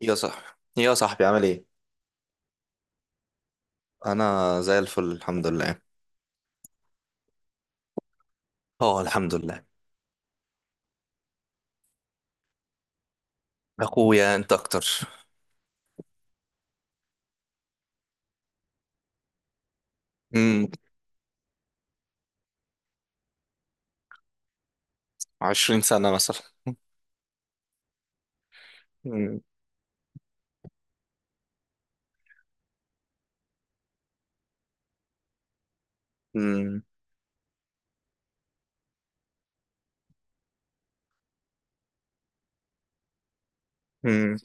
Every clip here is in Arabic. يا صاحبي، يا صاحبي، عامل ايه؟ انا زي الفل، الحمد لله. اه، الحمد لله. اخويا انت اكتر. امم 20 سنة مثلا. امم امم امم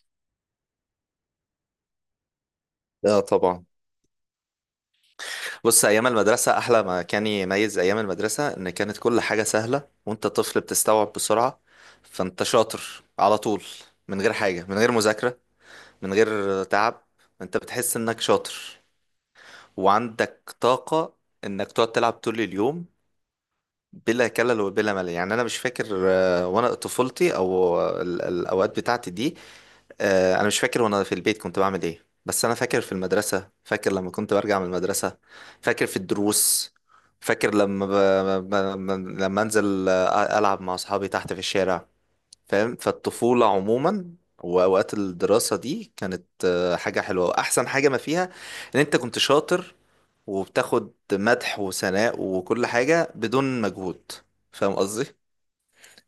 اه طبعا. بص، ايام المدرسة احلى ما كان، يميز ايام المدرسة ان كانت كل حاجة سهلة وانت طفل بتستوعب بسرعة. فانت شاطر على طول، من غير حاجة، من غير مذاكرة، من غير تعب. انت بتحس انك شاطر وعندك طاقة انك تقعد تلعب طول اليوم بلا كلل وبلا ملل. يعني انا مش فاكر وانا طفولتي، او الاوقات بتاعتي دي. انا مش فاكر وانا في البيت كنت بعمل ايه، بس انا فاكر في المدرسة، فاكر لما كنت برجع من المدرسة، فاكر في الدروس، فاكر لما ب... ب... ب- لما انزل العب مع اصحابي تحت في الشارع. فاهم؟ فالطفولة عموما، واوقات الدراسة دي كانت حاجة حلوة. واحسن حاجة ما فيها ان انت كنت شاطر، وبتاخد مدح وثناء وكل حاجة بدون مجهود. فاهم قصدي؟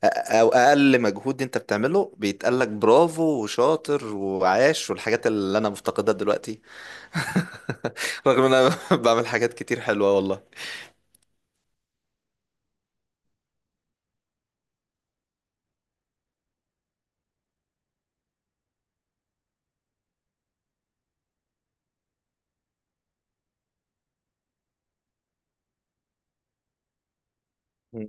أو أقل مجهود أنت بتعمله بيتقالك برافو وشاطر وعاش، والحاجات اللي أنا مفتقدها دلوقتي. رغم إن أنا بعمل حاجات كتير حلوة، والله. مم.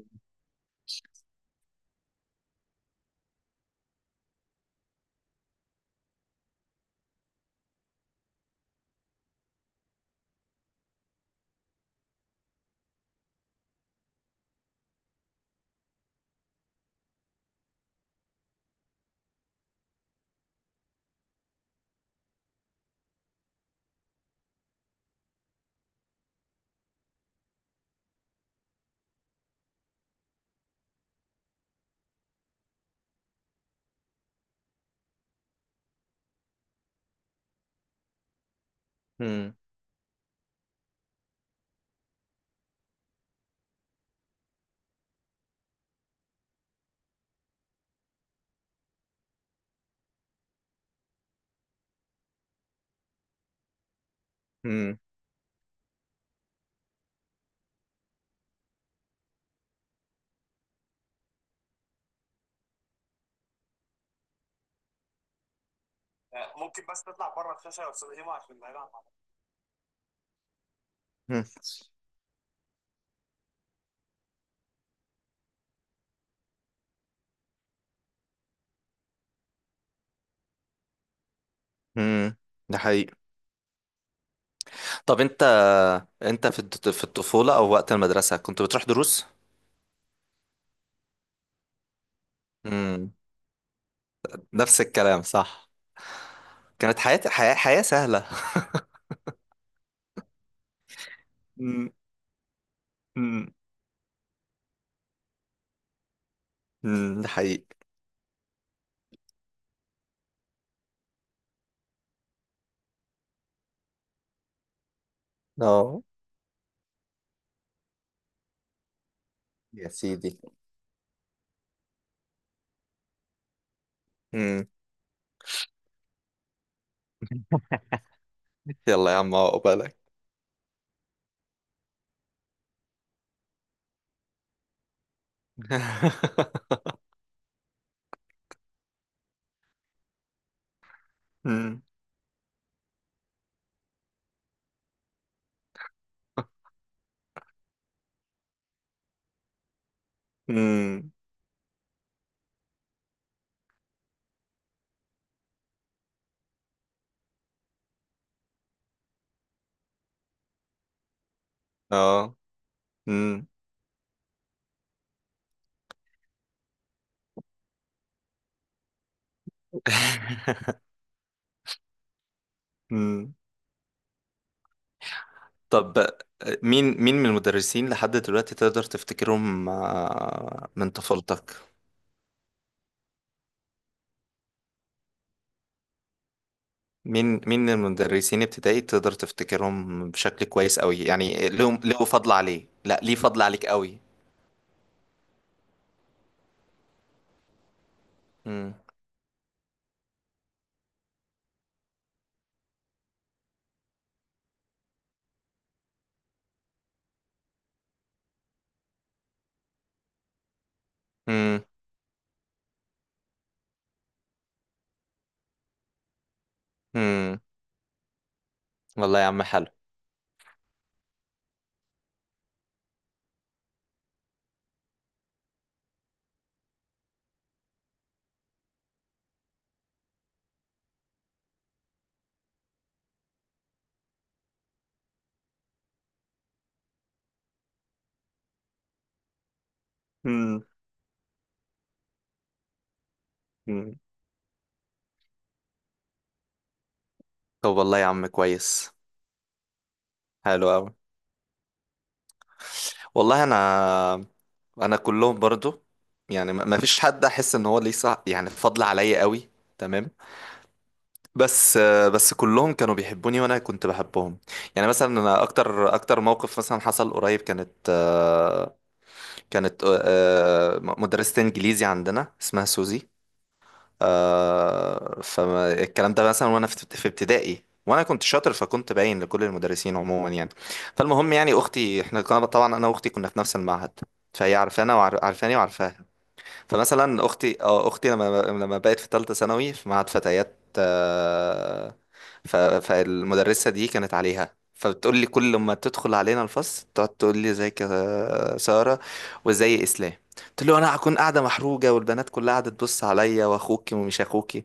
مم. مم. مم. مم. ده حقيقي. طب أنت في الطفولة أو وقت المدرسة كنت بتروح دروس؟ مم. نفس الكلام، صح. كانت حياة سهلة. مم. مم. مم. ده حقيقي. اه، يا سيدي. امم يلا يا عم، عقبالك. امم امم اه امم امم طب، مين من المدرسين لحد دلوقتي تقدر تفتكرهم من طفولتك؟ مين من المدرسين ابتدائي تقدر تفتكرهم بشكل كويس قوي؟ يعني له فضل عليه لا ليه فضل عليك قوي. امم امم امم والله يا عم، حلو. امم امم طب والله يا عم، كويس. حلو قوي. والله انا كلهم برضو. يعني ما فيش حد احس ان هو ليه صح، يعني فضل عليا قوي. تمام. بس بس كلهم كانوا بيحبوني وانا كنت بحبهم. يعني مثلا انا اكتر اكتر موقف مثلا حصل قريب كانت مدرسة انجليزي عندنا اسمها سوزي. فالكلام ده مثلا، وانا في ابتدائي، وانا كنت شاطر، فكنت باين لكل المدرسين عموما يعني. فالمهم، يعني اختي، احنا كنا طبعا انا واختي كنا في نفس المعهد، فهي عارفانا وعارفاني وعارفاها. فمثلا اختي لما بقت في ثالثه ثانوي في معهد فتيات، فالمدرسه دي كانت عليها، فبتقول لي كل ما تدخل علينا الفصل تقعد تقول لي: ازيك يا ساره؟ وازاي اسلام؟ قلت له: انا هكون قاعده محروجه والبنات كلها قاعده تبص عليا، واخوكي ومش اخوكي،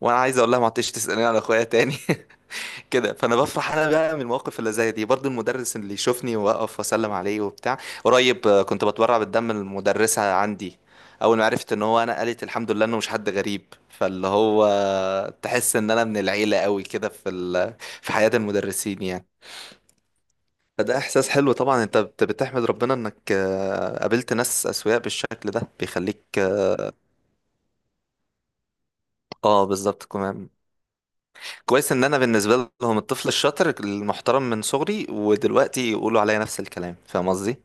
وانا عايز اقول لها ما عدتش تسالني على اخويا تاني. كده، فانا بفرح انا بقى من المواقف اللي زي دي برضو، المدرس اللي يشوفني واقف واسلم عليه وبتاع. قريب كنت بتبرع بالدم المدرسة عندي، اول ما عرفت ان هو انا، قالت الحمد لله انه مش حد غريب. فاللي هو تحس ان انا من العيلة قوي كده، في حياة المدرسين يعني. فده احساس حلو طبعا، انت بتحمد ربنا انك قابلت ناس اسوياء بالشكل ده، بيخليك اه. بالظبط كمان. كويس ان انا بالنسبة لهم الطفل الشاطر المحترم من صغري، ودلوقتي يقولوا عليا نفس الكلام. فاهم قصدي؟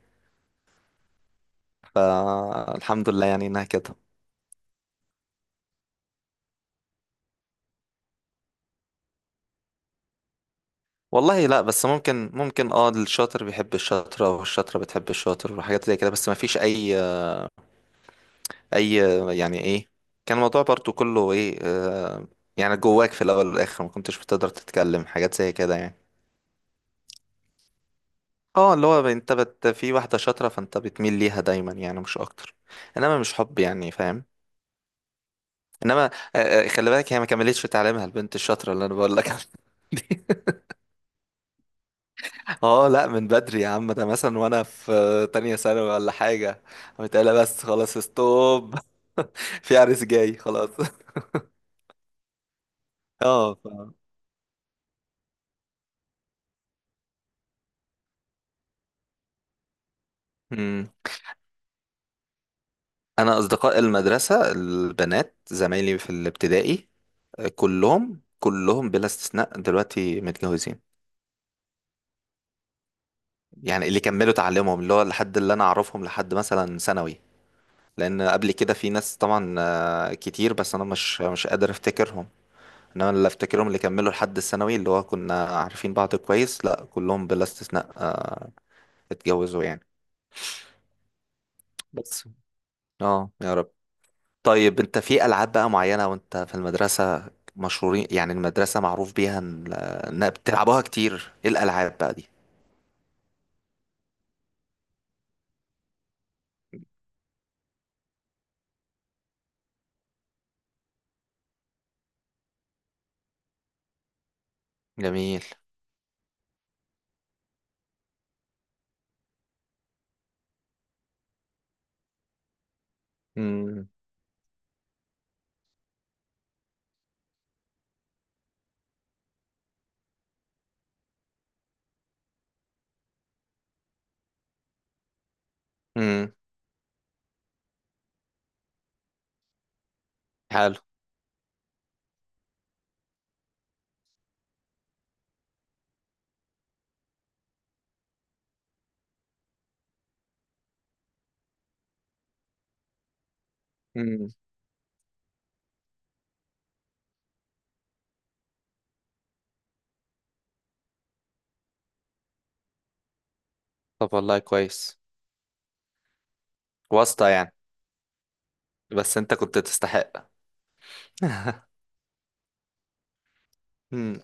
فالحمد لله يعني انها كده. والله لا، بس ممكن الشاطر بيحب الشاطرة والشاطرة بتحب الشاطر وحاجات زي كده، بس ما فيش اي، اي يعني ايه، كان الموضوع برضو كله ايه يعني جواك، في الاول والاخر ما كنتش بتقدر تتكلم حاجات زي كده يعني. اه، اللي هو انت في واحدة شاطرة، فانت بتميل ليها دايما يعني، مش اكتر. انما مش حب يعني، فاهم. انما خلي بالك هي ما كملتش تعليمها، البنت الشاطرة اللي انا بقول لك عليها. اه لا، من بدري يا عم، ده مثلا وانا في تانية ثانوي ولا حاجة. قمت قايلة: بس خلاص، ستوب. في عريس جاي خلاص. اه، مم. انا اصدقاء المدرسة، البنات زمايلي في الابتدائي، كلهم كلهم بلا استثناء دلوقتي متجوزين. يعني اللي كملوا تعليمهم، اللي هو لحد اللي انا اعرفهم لحد مثلا ثانوي، لان قبل كده في ناس طبعا كتير، بس انا مش قادر افتكر. انما اللي افتكرهم اللي كملوا لحد الثانوي اللي هو كنا عارفين بعض كويس، لا، كلهم بلا استثناء اتجوزوا يعني. بس اه، يا رب. طيب، انت في العاب بقى معينة وانت في المدرسة مشهورين، يعني المدرسة معروف بيها إنها بتلعبوها كتير، ايه الالعاب بقى دي؟ جميل. امم امم حلو. امم طب والله كويس. واسطة يعني. بس انت كنت تستحق. امم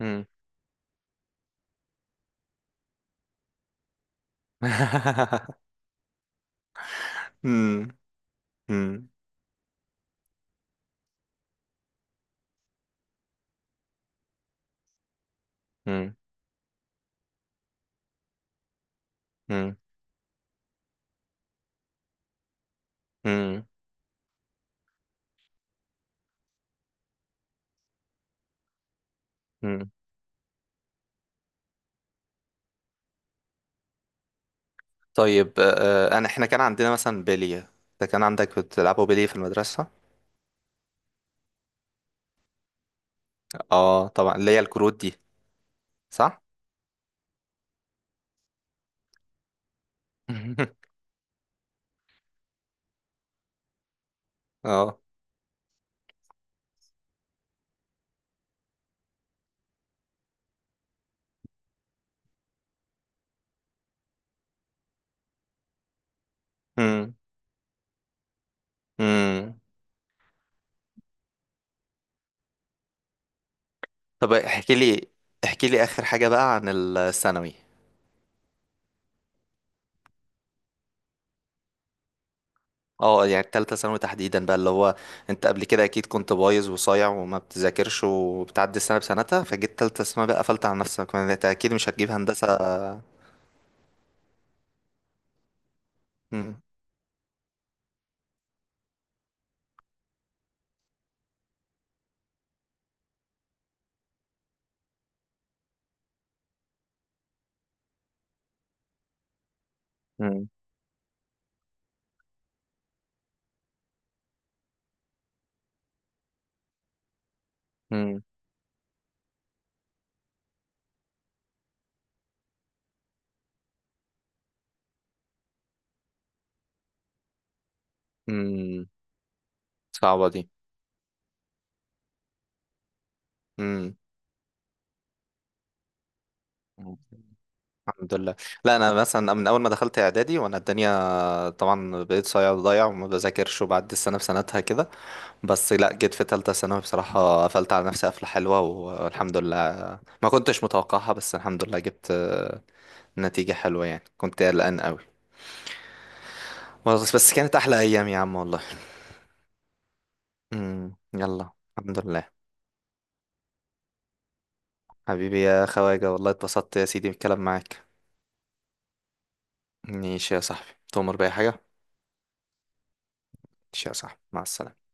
امم امم امم امم امم امم طيب انا، احنا كان عندنا مثلا بلية. انت كان عندك بتلعبوا بلية في المدرسة؟ اه طبعا، اللي هي الكروت دي. صح. اه. امم امم طب، احكي لي اخر حاجة بقى عن الثانوي. اه يعني التالتة ثانوي تحديدا بقى، اللي هو انت قبل كده اكيد كنت بايظ وصايع وما بتذاكرش وبتعدي السنة بسنتها، فجيت تالتة ثانوي بقى قفلت على نفسك، ما انت اكيد مش هتجيب هندسة. امم امم امم امم صعبة دي. امم الحمد لله. لا، انا مثلا من اول ما دخلت اعدادي وانا الدنيا طبعا بقيت صايع وضايع وما بذاكرش وبعدي السنه بسنتها كده، بس لا، جيت في ثالثه ثانوي بصراحه قفلت على نفسي قفله حلوه، والحمد لله ما كنتش متوقعها، بس الحمد لله جبت نتيجه حلوه يعني، كنت قلقان قوي. بس بس كانت احلى ايام يا عم والله. يلا، الحمد لله. حبيبي يا خواجه، والله اتبسطت يا سيدي بالكلام معاك. ماشي يا صاحبي، تؤمر بأي حاجه. ماشي يا صاحبي، مع السلامه.